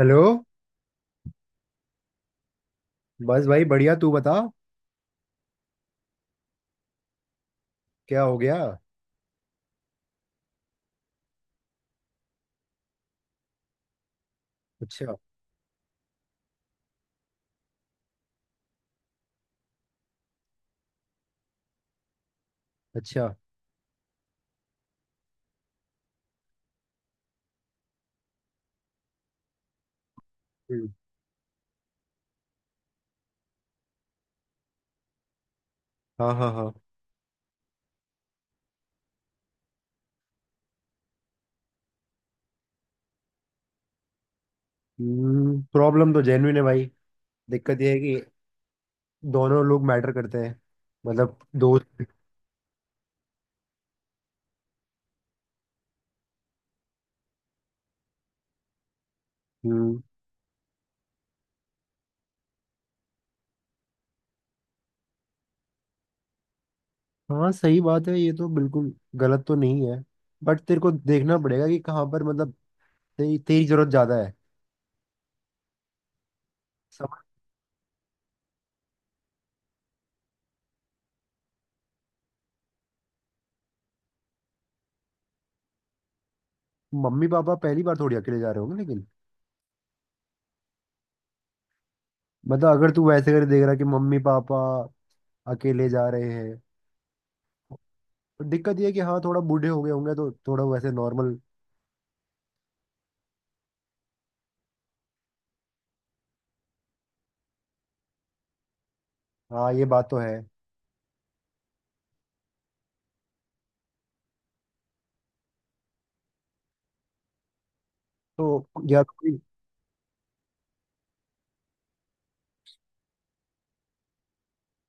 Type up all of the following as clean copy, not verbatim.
Hello. बस भाई बढ़िया, तू बता। क्या हो गया? अच्छा। अच्छा। हम्म, हाँ हाँ हाँ। प्रॉब्लम तो जेन्युइन है भाई। दिक्कत यह है कि दोनों लोग मैटर करते हैं। मतलब दोस्त। हम्म। हाँ सही बात है, ये तो बिल्कुल गलत तो नहीं है। बट तेरे को देखना पड़ेगा कि कहाँ पर, मतलब तेरी तेरी जरूरत ज्यादा है। समझ। मम्मी पापा पहली बार थोड़ी अकेले जा रहे होंगे लेकिन। मतलब अगर तू वैसे कर देख रहा कि मम्मी पापा अकेले जा रहे हैं। दिक्कत ये है कि हाँ, थोड़ा बूढ़े हो गए होंगे तो थोड़ा वैसे नॉर्मल। हाँ ये बात तो है। तो या तो कोई।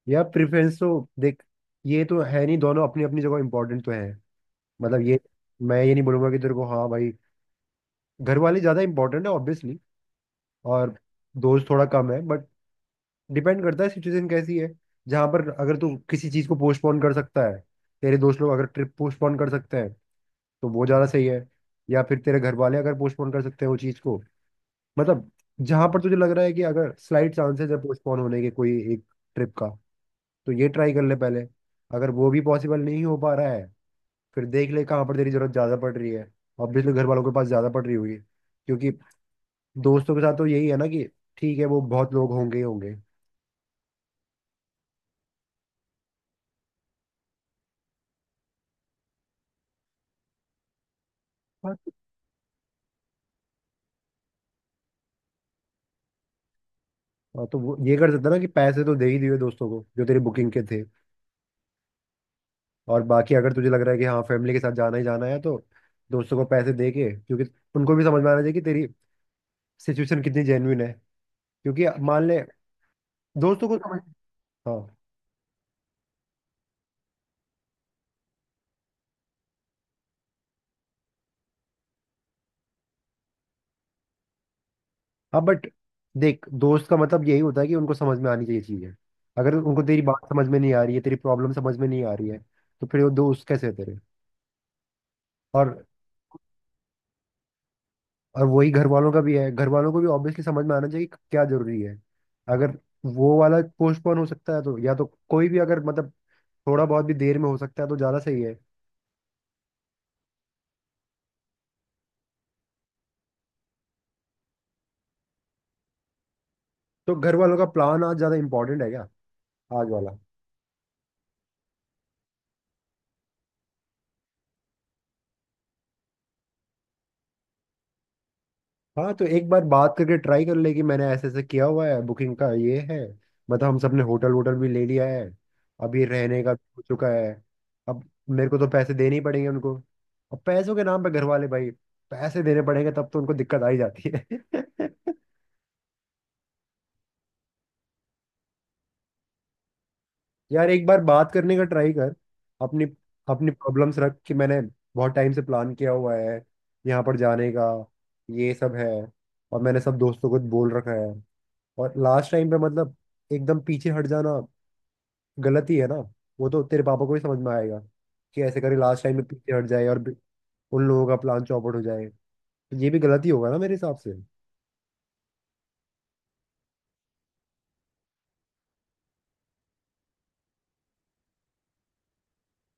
या प्रेफरेंस तो, देख, ये तो है नहीं, दोनों अपनी अपनी जगह इंपॉर्टेंट तो है। मतलब ये, मैं ये नहीं बोलूंगा कि तेरे को। हाँ भाई, घर वाले ज़्यादा इंपॉर्टेंट है ऑब्वियसली, और दोस्त थोड़ा कम है। बट डिपेंड करता है सिचुएशन कैसी है। जहाँ पर अगर तू किसी चीज़ को पोस्टपोन कर सकता है, तेरे दोस्त लोग अगर ट्रिप पोस्टपोन कर सकते हैं तो वो ज़्यादा सही है। या फिर तेरे घर वाले अगर पोस्टपोन कर सकते हैं वो चीज़ को, मतलब जहां पर तुझे लग रहा है कि अगर स्लाइट चांसेस है पोस्टपोन होने के कोई एक ट्रिप का, तो ये ट्राई कर ले पहले। अगर वो भी पॉसिबल नहीं हो पा रहा है, फिर देख ले कहाँ पर तेरी जरूरत ज्यादा पड़ रही है। ऑब्वियसली घर वालों के पास ज्यादा पड़ रही होगी, क्योंकि दोस्तों के साथ तो यही है ना कि ठीक है, वो बहुत लोग होंगे ही होंगे। हाँ, तो हाँ, तो वो ये कर सकता ना कि पैसे तो दे ही दिए दोस्तों को जो तेरी बुकिंग के थे। और बाकी अगर तुझे लग रहा है कि हाँ, फैमिली के साथ जाना ही जाना है, तो दोस्तों को पैसे दे के, क्योंकि उनको भी समझ में आना चाहिए कि तेरी सिचुएशन कितनी जेन्युइन है। क्योंकि मान ले, दोस्तों को समझ। हाँ। हाँ बट देख, दोस्त का मतलब यही होता है कि उनको समझ में आनी चाहिए चीजें। अगर उनको तेरी बात समझ में नहीं आ रही है, तेरी प्रॉब्लम समझ में नहीं आ रही है, तो फिर वो दोस्त कैसे है तेरे। और और वही घर वालों का भी है, घर वालों को भी ऑब्वियसली समझ में आना चाहिए कि क्या जरूरी है। अगर वो वाला पोस्टपोन हो सकता है तो, या तो कोई भी अगर मतलब थोड़ा बहुत भी देर में हो सकता है तो ज्यादा सही है। तो घर वालों का प्लान आज ज्यादा इंपॉर्टेंट है क्या? आज वाला? हाँ तो एक बार बात करके ट्राई कर ले कि मैंने ऐसे ऐसे किया हुआ है, बुकिंग का ये है, मतलब हम सबने होटल वोटल भी ले लिया है, अभी रहने का भी हो चुका है, अब मेरे को तो पैसे देने ही पड़ेंगे उनको। अब पैसों के नाम पे घर वाले भाई, पैसे देने पड़ेंगे तब तो उनको दिक्कत आ ही जाती है। यार एक बार बात करने का ट्राई कर। अपनी अपनी प्रॉब्लम्स रख कि मैंने बहुत टाइम से प्लान किया हुआ है, यहाँ पर जाने का, ये सब है, और मैंने सब दोस्तों को बोल रखा है, और लास्ट टाइम पे मतलब एकदम पीछे हट जाना गलत ही है ना। वो तो तेरे पापा को ही समझ में आएगा कि ऐसे करे लास्ट टाइम में पीछे हट जाए और उन लोगों का प्लान चौपट हो जाए, तो ये भी गलत ही होगा ना मेरे हिसाब से।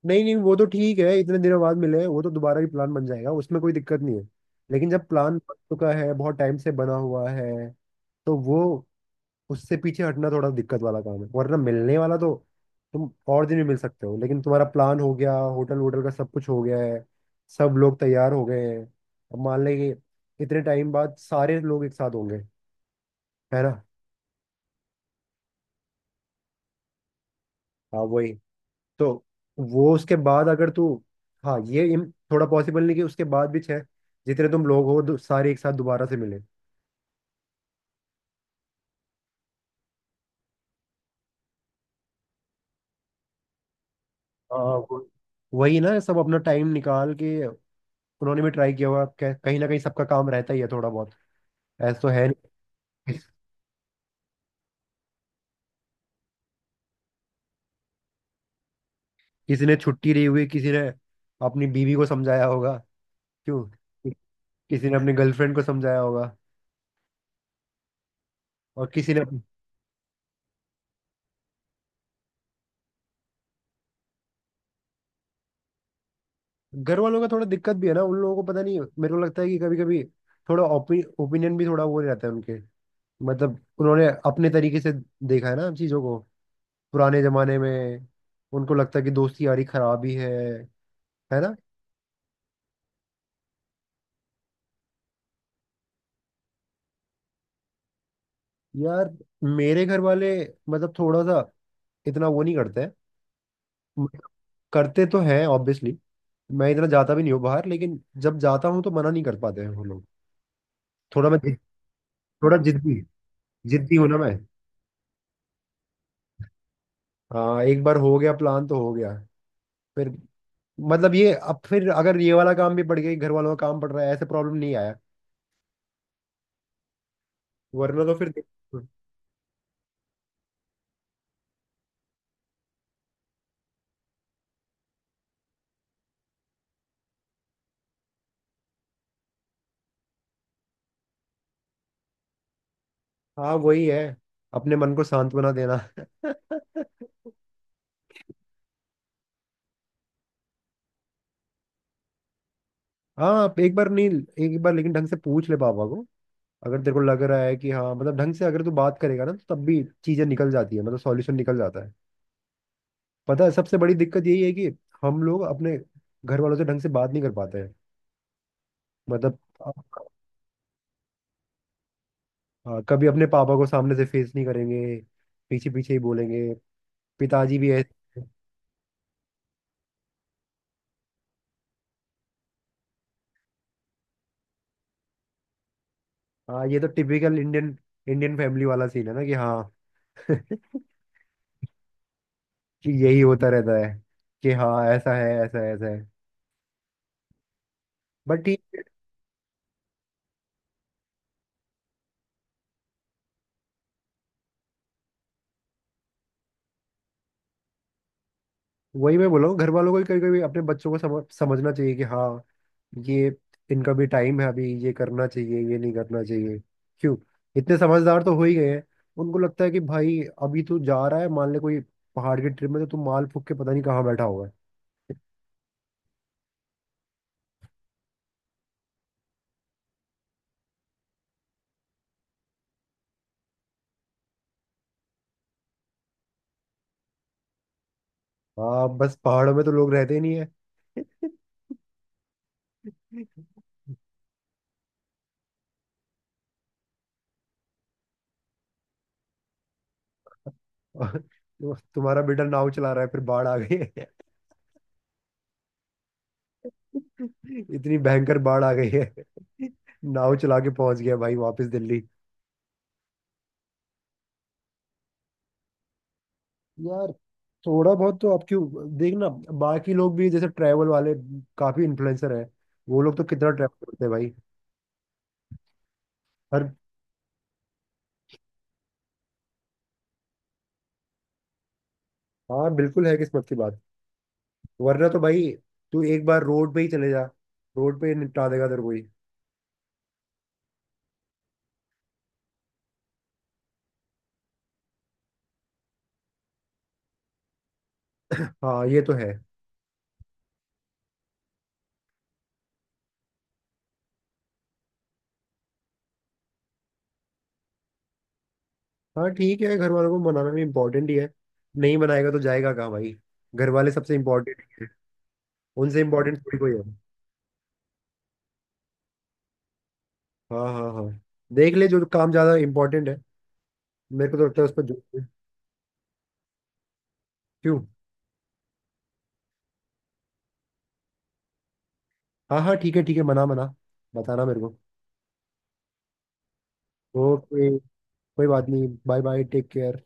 नहीं नहीं वो तो ठीक है इतने दिनों बाद मिले हैं, वो तो दोबारा भी प्लान बन जाएगा, उसमें कोई दिक्कत नहीं है। लेकिन जब प्लान बन चुका है, बहुत टाइम से बना हुआ है, तो वो उससे पीछे हटना थोड़ा दिक्कत वाला काम है। वरना मिलने वाला तो तुम और दिन भी मिल सकते हो, लेकिन तुम्हारा प्लान हो गया, होटल वोटल का सब कुछ हो गया है, सब लोग तैयार हो गए हैं। अब मान लें कि इतने टाइम बाद सारे लोग एक साथ होंगे, है ना। हाँ वही। तो वो उसके बाद अगर तू, हाँ ये थोड़ा पॉसिबल नहीं कि उसके बाद भी छह, जितने तुम लोग हो सारे एक साथ दोबारा से मिले। हाँ। वो- वही ना, सब अपना टाइम निकाल के। उन्होंने भी ट्राई किया हुआ, कहीं ना कहीं सबका काम रहता ही है थोड़ा बहुत, ऐसा तो है। नहीं। किसी ने छुट्टी ली हुई, किसी ने अपनी बीवी को समझाया होगा, क्यों? कि- किसी ने अपनी गर्लफ्रेंड को समझाया होगा, और किसी ने। घर वालों का थोड़ा दिक्कत भी है ना, उन लोगों को पता नहीं। मेरे को लगता है कि कभी कभी थोड़ा ओपिनियन भी थोड़ा वो रहता है उनके। मतलब उन्होंने अपने तरीके से देखा है ना चीजों को, पुराने जमाने में। उनको लगता है कि दोस्ती यारी खराब ही है ना। यार मेरे घर वाले मतलब थोड़ा सा इतना वो नहीं करते हैं। मतलब करते तो हैं ऑब्वियसली। मैं इतना जाता भी नहीं हूँ बाहर, लेकिन जब जाता हूँ तो मना नहीं कर पाते हैं वो लोग। थोड़ा मैं थोड़ा जिद्दी, जिद्दी हूँ ना मैं। हाँ एक बार हो गया प्लान तो हो गया। फिर मतलब ये, अब फिर अगर ये वाला काम भी पड़ गया, घर वालों का काम पड़ रहा है, ऐसे प्रॉब्लम नहीं आया। वरना तो फिर देख-। हाँ वही है, अपने मन को सांत्वना देना। हाँ आप एक बार नहीं, एक बार लेकिन ढंग से पूछ ले पापा को। अगर तेरे को लग रहा है कि हाँ मतलब ढंग से अगर तू बात करेगा ना, तो तब भी चीजें निकल जाती है, मतलब सॉल्यूशन निकल जाता है। पता है सबसे बड़ी दिक्कत यही है कि हम लोग अपने घर वालों से ढंग से बात नहीं कर पाते हैं, मतलब। हाँ, कभी अपने पापा को सामने से फेस नहीं करेंगे, पीछे पीछे ही बोलेंगे, पिताजी भी ऐसे। हाँ ये तो टिपिकल इंडियन इंडियन फैमिली वाला सीन है ना कि हाँ कि यही होता रहता है, कि हाँ ऐसा है ऐसा है ऐसा है, बट ठीक है। वही मैं बोल रहा हूँ, घर वालों को भी कभी कभी अपने बच्चों को समझना चाहिए कि हाँ ये इनका भी टाइम है, अभी ये करना चाहिए, ये नहीं करना चाहिए, क्यों? इतने समझदार तो हो ही गए हैं। उनको लगता है कि भाई अभी तू जा रहा है, मान ले कोई पहाड़ की ट्रिप में, तो तू माल फूक के पता नहीं कहाँ बैठा हुआ है। हाँ बस पहाड़ों में तो लोग रहते ही नहीं है। और तो तुम्हारा बेटा नाव चला रहा है फिर, बाढ़ आ गई है। इतनी भयंकर बाढ़ आ गई है, नाव चला के पहुंच गया भाई वापस दिल्ली। यार थोड़ा बहुत तो आप क्यों देखना, बाकी लोग भी जैसे ट्रैवल वाले काफी इन्फ्लुएंसर हैं, वो लोग तो कितना ट्रैवल करते हैं भाई। हर। हाँ बिल्कुल है किस्मत की बात, वरना तो भाई तू एक बार रोड पे ही चले जा, रोड पे ही निपटा देगा तेरे को ही। हाँ ये तो है। हाँ ठीक है, घर वालों को मनाना भी इम्पोर्टेंट ही है। नहीं मनाएगा तो जाएगा कहाँ भाई, घर वाले सबसे इम्पोर्टेंट, उनसे इम्पोर्टेंट थोड़ी कोई है। हाँ हाँ हाँ, देख ले जो काम ज्यादा इम्पोर्टेंट है, मेरे को तो लगता है उस पर जो, क्यों। हाँ हाँ ठीक है ठीक है, मना मना, बताना मेरे को। ओके, कोई बात नहीं, बाय बाय, टेक केयर।